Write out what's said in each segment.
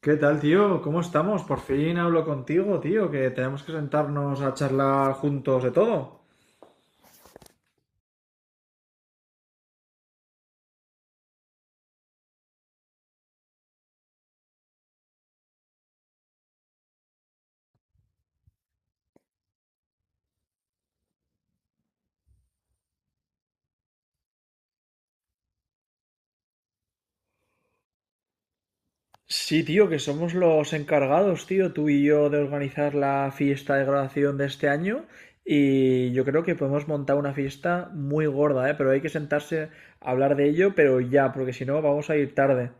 ¿Qué tal, tío? ¿Cómo estamos? Por fin hablo contigo, tío, que tenemos que sentarnos a charlar juntos de todo. Sí, tío, que somos los encargados, tío, tú y yo, de organizar la fiesta de graduación de este año y yo creo que podemos montar una fiesta muy gorda, ¿eh? Pero hay que sentarse a hablar de ello, pero ya, porque si no vamos a ir tarde.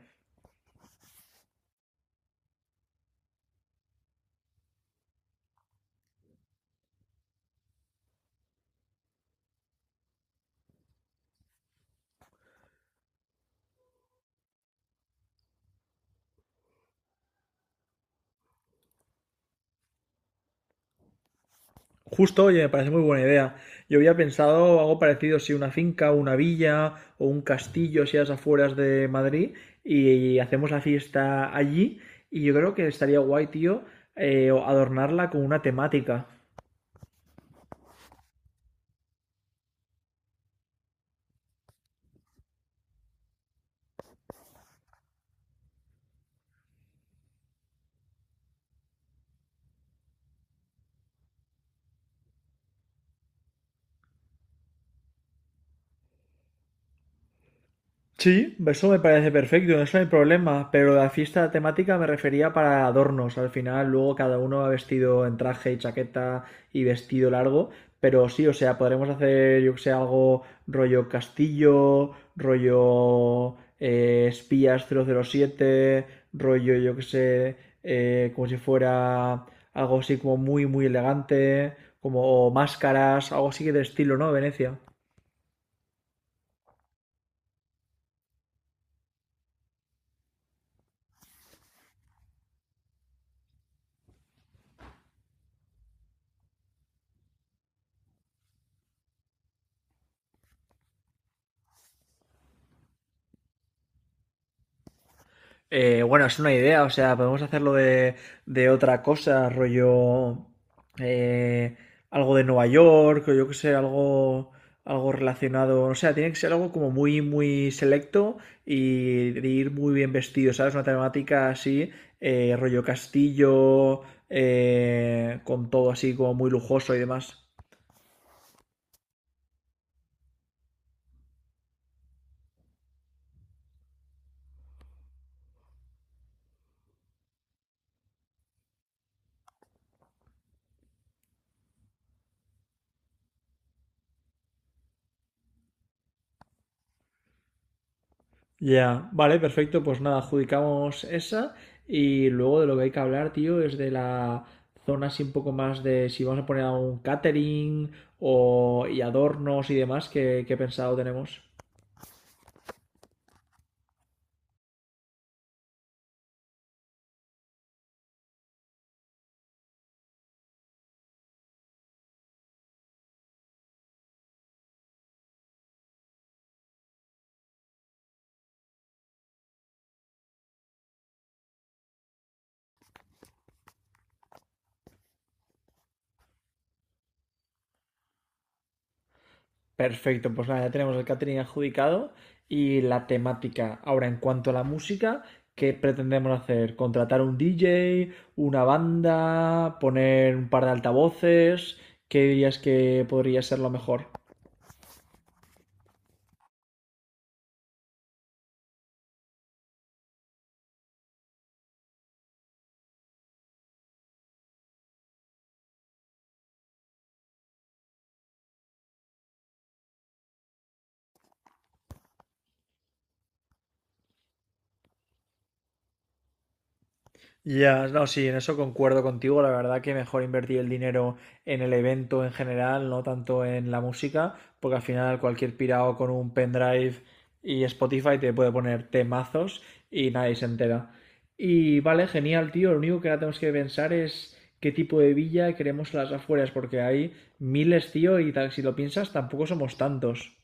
Justo, oye, me parece muy buena idea. Yo había pensado algo parecido, si una finca, una villa o un castillo, si a las afueras de Madrid, y hacemos la fiesta allí. Y yo creo que estaría guay, tío, adornarla con una temática. Sí, eso me parece perfecto, eso no hay problema, pero la fiesta temática me refería para adornos. Al final, luego cada uno va vestido en traje y chaqueta y vestido largo, pero sí, o sea, podremos hacer, yo que sé, algo rollo castillo, rollo espías 007, rollo, yo que sé, como si fuera algo así como muy, muy elegante, como o máscaras, algo así de estilo, ¿no? Venecia. Bueno, es una idea, o sea, podemos hacerlo de, otra cosa, rollo eh, algo de Nueva York, o yo qué sé, algo, algo relacionado, o sea, tiene que ser algo como muy, muy selecto y de ir muy bien vestido, ¿sabes? Una temática así, rollo castillo, con todo así como muy lujoso y demás. Ya, vale, perfecto. Pues nada, adjudicamos esa. Y luego de lo que hay que hablar, tío, es de la zona así un poco más de si vamos a poner algún catering o, y adornos y demás que, pensado tenemos. Perfecto, pues nada, ya tenemos el catering adjudicado y la temática. Ahora, en cuanto a la música, ¿qué pretendemos hacer? ¿Contratar un DJ, una banda, poner un par de altavoces? ¿Qué dirías que podría ser lo mejor? Ya, no, sí, en eso concuerdo contigo. La verdad que mejor invertir el dinero en el evento en general, no tanto en la música, porque al final cualquier pirado con un pendrive y Spotify te puede poner temazos y nadie se entera. Y vale, genial, tío. Lo único que ahora tenemos que pensar es qué tipo de villa queremos a las afueras, porque hay miles, tío, y tal, si lo piensas, tampoco somos tantos.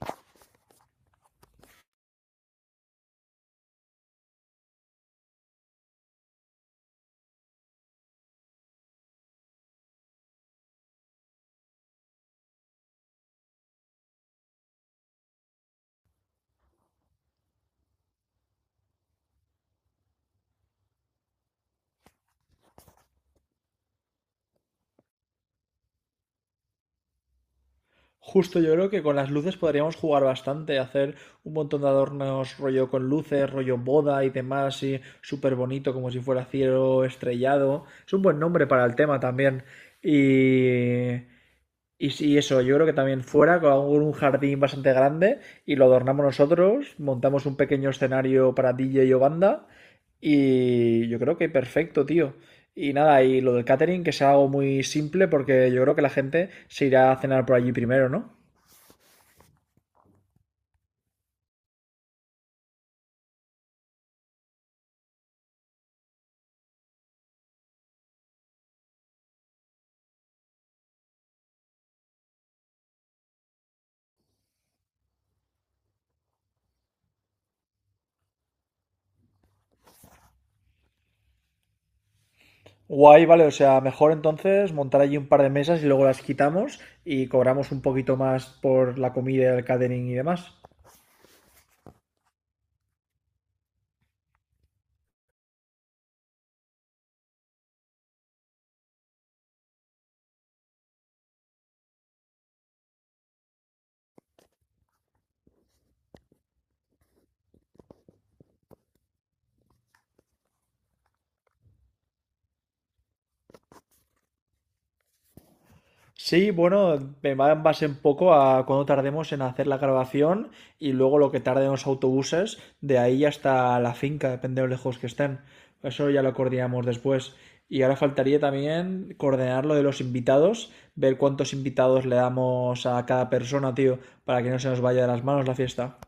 Justo yo creo que con las luces podríamos jugar bastante, hacer un montón de adornos rollo con luces, rollo boda y demás, y súper bonito, como si fuera cielo estrellado. Es un buen nombre para el tema también. Y, sí, eso, yo creo que también fuera con un jardín bastante grande y lo adornamos nosotros, montamos un pequeño escenario para DJ y banda y yo creo que perfecto, tío. Y nada, y lo del catering que sea algo muy simple porque yo creo que la gente se irá a cenar por allí primero, ¿no? Guay, vale, o sea, mejor entonces montar allí un par de mesas y luego las quitamos y cobramos un poquito más por la comida, el catering y demás. Sí, bueno, me va en base un poco a cuando tardemos en hacer la grabación y luego lo que tarden los autobuses de ahí hasta la finca, depende de lo lejos que estén. Eso ya lo coordinamos después. Y ahora faltaría también coordinar lo de los invitados, ver cuántos invitados le damos a cada persona, tío, para que no se nos vaya de las manos la fiesta.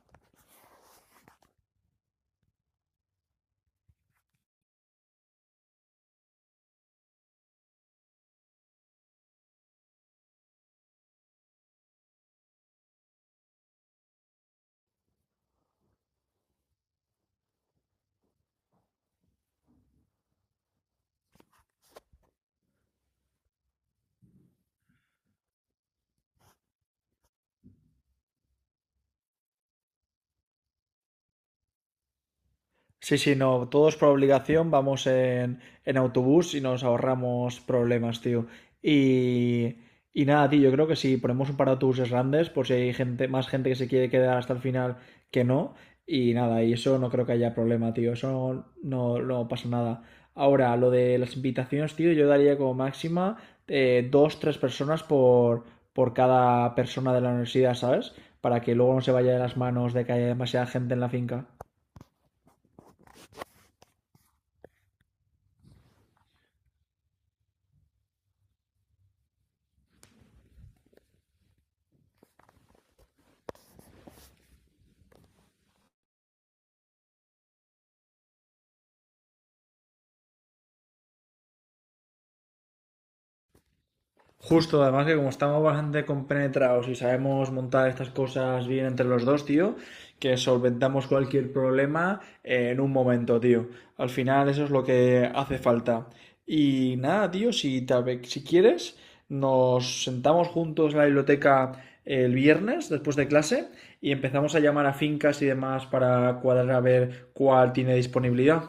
Sí, sí, no, todos por obligación vamos en autobús y nos ahorramos problemas, tío. Y, nada, tío, yo creo que si ponemos un par de autobuses grandes, por si hay gente, más gente que se quiere quedar hasta el final que no. Y nada, y eso no creo que haya problema, tío. Eso no, no, no pasa nada. Ahora, lo de las invitaciones, tío, yo daría como máxima dos, tres personas por, cada persona de la universidad, ¿sabes? Para que luego no se vaya de las manos de que haya demasiada gente en la finca. Justo, además que como estamos bastante compenetrados y sabemos montar estas cosas bien entre los dos, tío, que solventamos cualquier problema en un momento, tío. Al final eso es lo que hace falta. Y nada, tío, si quieres, nos sentamos juntos en la biblioteca el viernes después de clase y empezamos a llamar a fincas y demás para cuadrar a ver cuál tiene disponibilidad.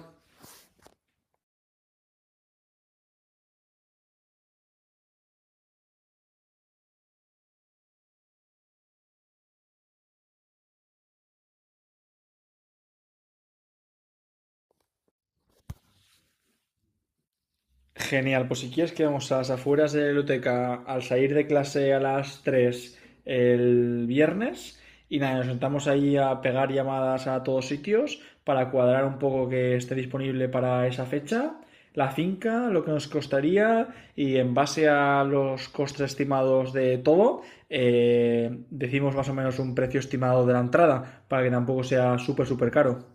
Genial, pues si quieres quedamos a las afueras de la biblioteca al salir de clase a las 3 el viernes y nada, nos sentamos ahí a pegar llamadas a todos sitios para cuadrar un poco que esté disponible para esa fecha, la finca, lo que nos costaría y en base a los costes estimados de todo, decimos más o menos un precio estimado de la entrada para que tampoco sea súper, súper caro.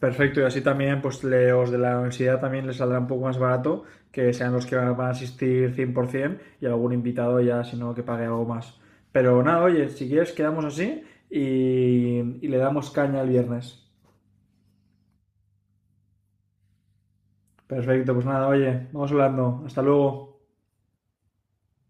Perfecto, y así también, pues los de la universidad también les saldrá un poco más barato que sean los que van a asistir 100% y algún invitado ya, si no, que pague algo más. Pero nada, oye, si quieres, quedamos así y, le damos caña el viernes. Perfecto, pues nada, oye, vamos hablando. Hasta luego.